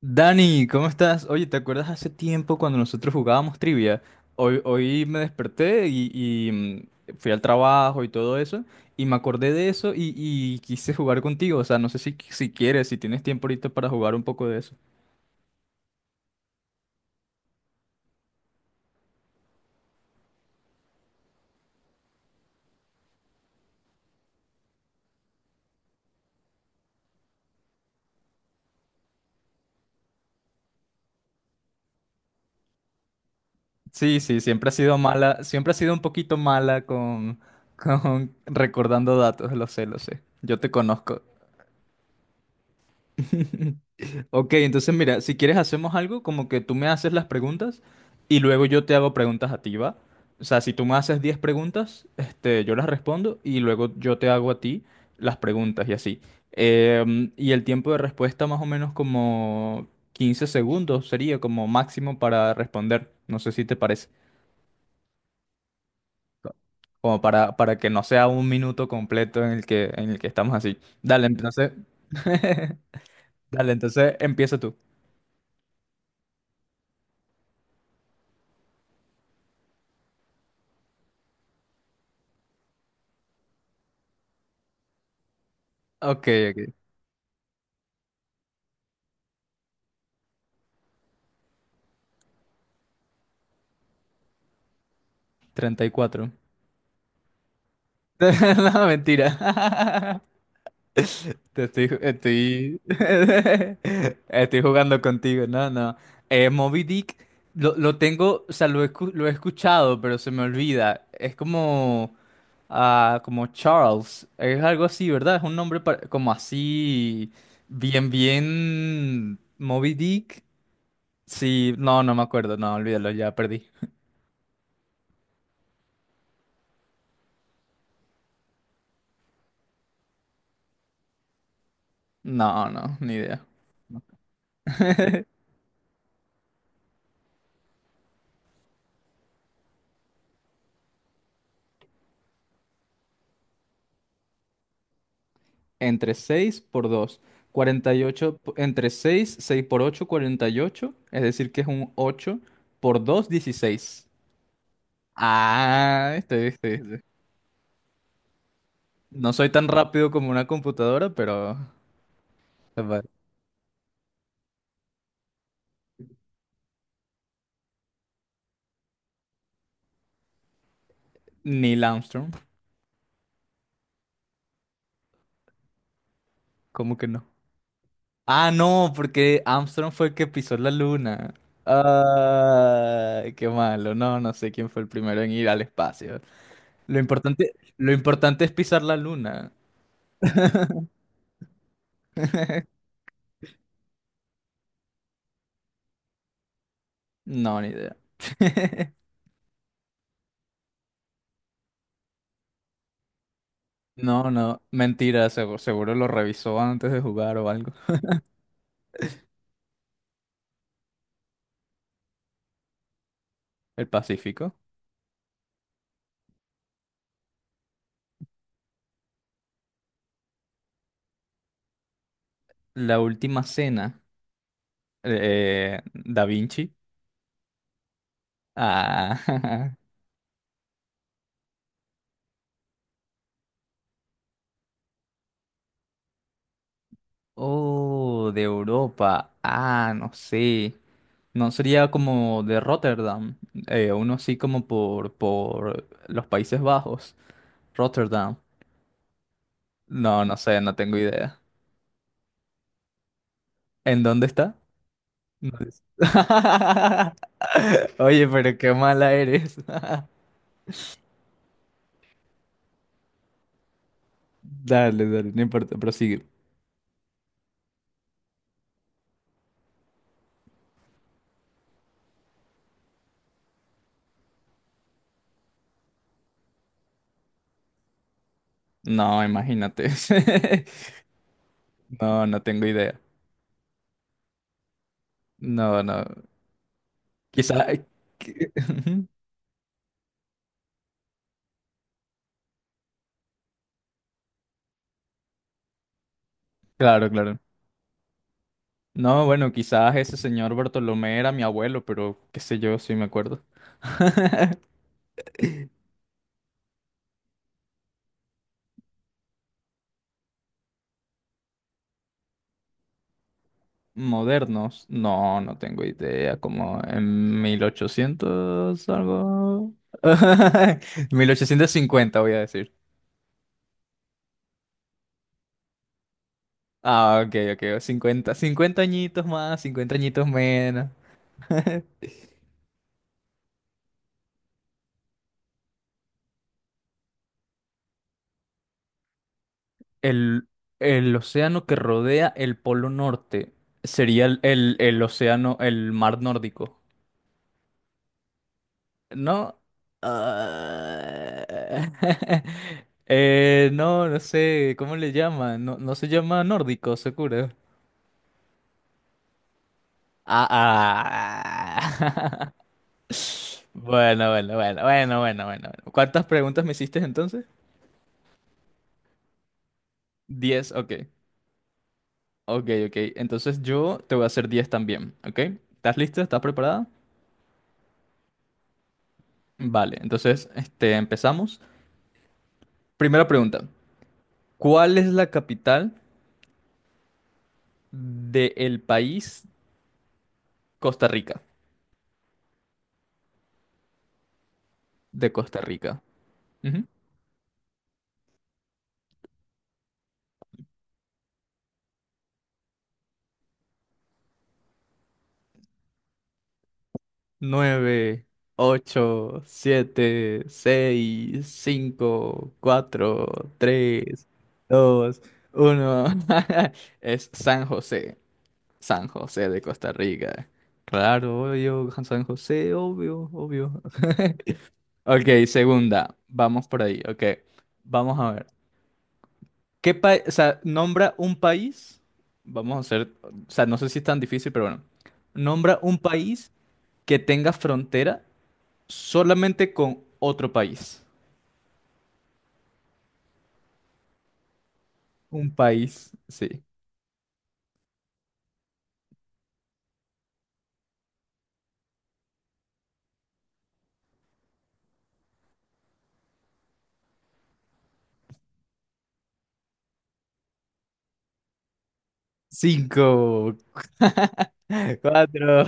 Dani, ¿cómo estás? Oye, ¿te acuerdas hace tiempo cuando nosotros jugábamos trivia? Hoy me desperté y fui al trabajo y todo eso, y me acordé de eso y quise jugar contigo. O sea, no sé si quieres, si tienes tiempo ahorita para jugar un poco de eso. Sí, sí, siempre ha sido mala, siempre ha sido un poquito mala con, con recordando datos, lo sé, lo sé. Yo te conozco. Ok, entonces mira, si quieres hacemos algo como que tú me haces las preguntas y luego yo te hago preguntas a ti, ¿va? O sea, si tú me haces 10 preguntas, yo las respondo y luego yo te hago a ti las preguntas y así. Y el tiempo de respuesta más o menos como 15 segundos sería como máximo para responder. No sé si te parece. Co- Como para que no sea un minuto completo en el que estamos así. Dale, entonces. Dale, entonces empieza tú. Ok, ok. Treinta y cuatro. No, mentira. Te estoy, estoy, estoy jugando contigo. No, no. Moby Dick lo tengo, o sea, lo he, lo he escuchado, pero se me olvida. Es como, ah, como Charles. Es algo así, ¿verdad? Es un nombre como así, bien, bien. Moby Dick. Sí, no, no me acuerdo. No, olvídalo, ya perdí. No, no, ni idea. Entre 6 por 2. 48 entre seis por ocho cuarenta y ocho. Es decir, que es un 8 por 2 dieciséis. Ah, este. No soy tan rápido como una computadora, pero... Vale. Neil Armstrong. ¿Cómo que no? Ah, no, porque Armstrong fue el que pisó la luna. Ay, qué malo. No, no sé quién fue el primero en ir al espacio. Lo importante es pisar la luna. No, ni idea. No, no, mentira, seguro, lo revisó antes de jugar o algo. El Pacífico. La última cena. Da Vinci. Ah, oh, de Europa. Ah, no sé. No sería como de Rotterdam. Uno así como por los Países Bajos. Rotterdam. No, no sé, no tengo idea. ¿En dónde está? No es- Oye, pero qué mala eres. Dale, dale, no importa, prosigue. No, imagínate. No, no tengo idea. No, no. Quizás. Claro, claro. No, bueno, quizás ese señor Bartolomé era mi abuelo, pero qué sé yo, sí me acuerdo. Modernos. No, no tengo idea. Como en 1800 algo. 1850 voy a... Ah, ok, ok. Cincuenta, 50 añitos más, 50 añitos menos. El, el océano que rodea el Polo Norte sería el, el océano, el mar nórdico. ¿No? Ah, no, no sé, ¿cómo le llaman? No, no se llama nórdico, seguro. Ah, ah. Bueno, bueno, bueno, bueno, bueno, bueno, bueno. ¿Cuántas preguntas me hiciste entonces? Diez, ok. Ok, ok. Entonces yo te voy a hacer 10 también, ¿ok? ¿Estás lista? ¿Estás preparada? Vale, entonces empezamos. Primera pregunta. ¿Cuál es la capital del país Costa Rica? De Costa Rica. Ujú. 9, 8, 7, 6, 5, 4, 3, 2, 1. Es San José. San José de Costa Rica. Claro, obvio, San José, obvio, obvio. Ok, segunda. Vamos por ahí. Ok, vamos a ver. ¿Qué país? O sea, nombra un país. Vamos a hacer. O sea, no sé si es tan difícil, pero bueno. Nombra un país que tenga frontera solamente con otro país. Un país, sí. Cinco, cuatro,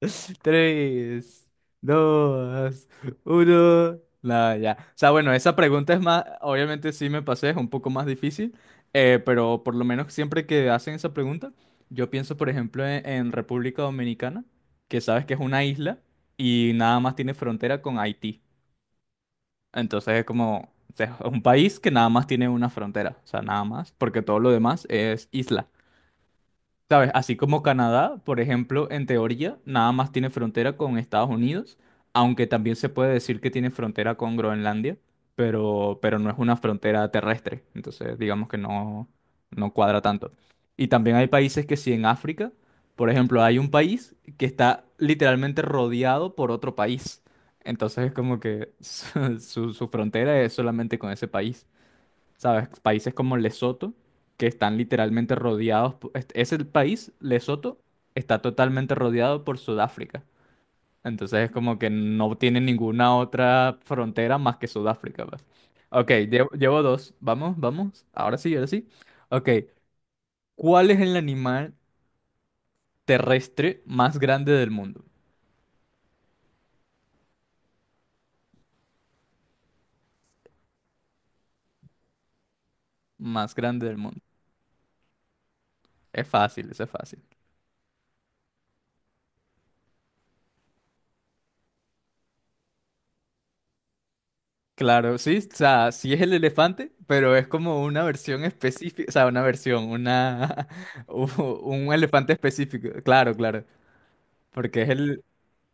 tres, dos, uno. Nada, ya. O sea, bueno, esa pregunta es más, obviamente sí me pasé, es un poco más difícil, pero por lo menos siempre que hacen esa pregunta, yo pienso, por ejemplo, en República Dominicana, que sabes que es una isla y nada más tiene frontera con Haití. Entonces es como, o sea, es un país que nada más tiene una frontera, o sea, nada más, porque todo lo demás es isla. ¿Sabes? Así como Canadá, por ejemplo, en teoría, nada más tiene frontera con Estados Unidos, aunque también se puede decir que tiene frontera con Groenlandia, pero no es una frontera terrestre, entonces digamos que no, no cuadra tanto. Y también hay países que sí en África, por ejemplo, hay un país que está literalmente rodeado por otro país, entonces es como que su frontera es solamente con ese país. ¿Sabes? Países como Lesoto, que están literalmente rodeados, ese país, Lesoto, está totalmente rodeado por Sudáfrica. Entonces es como que no tiene ninguna otra frontera más que Sudáfrica, pues. Ok, llevo dos. Vamos, vamos. Ahora sí, ahora sí. Ok, ¿cuál es el animal terrestre más grande del mundo? Más grande del mundo. Es fácil, eso es fácil. Claro, sí, o sea, sí es el elefante, pero es como una versión específica, o sea, una versión, una u- un elefante específico, claro, claro, porque es el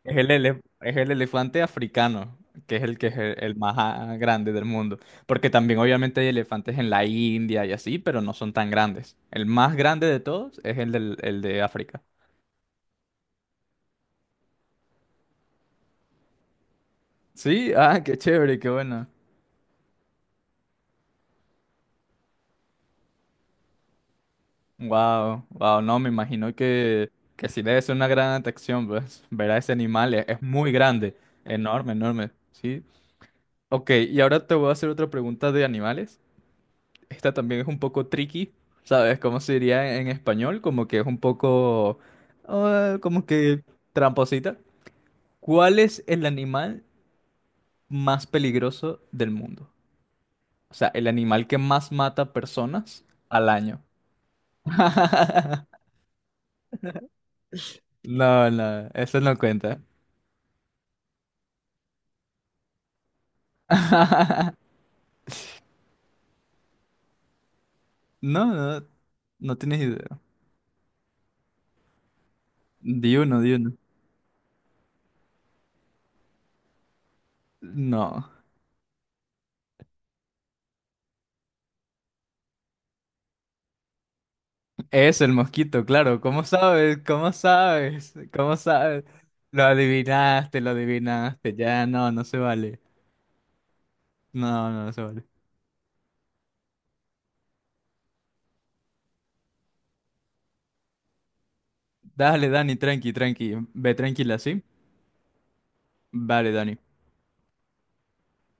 es el elefante africano, que es el más ah, grande del mundo, porque también obviamente hay elefantes en la India y así, pero no son tan grandes. El más grande de todos es el del, el de África. Sí, ah, qué chévere, qué bueno. Wow, wow, no, me imagino que sí debe ser una gran atracción, pues, ver a ese animal, es muy grande, enorme, enorme, ¿sí? Ok, y ahora te voy a hacer otra pregunta de animales, esta también es un poco tricky, ¿sabes? ¿Cómo se diría en español? Como que es un poco, ah, como que tramposita. ¿Cuál es el animal más peligroso del mundo? O sea, el animal que más mata personas al año. No, no, eso no cuenta. No, no, no tienes idea. Di uno, di uno. No, es el mosquito, claro. ¿Cómo sabes? ¿Cómo sabes? ¿Cómo sabes? Lo adivinaste, lo adivinaste. Ya, no, no se vale. No, no, no se vale. Dale, Dani, tranqui, tranqui. Ve tranquila, ¿sí? Vale, Dani.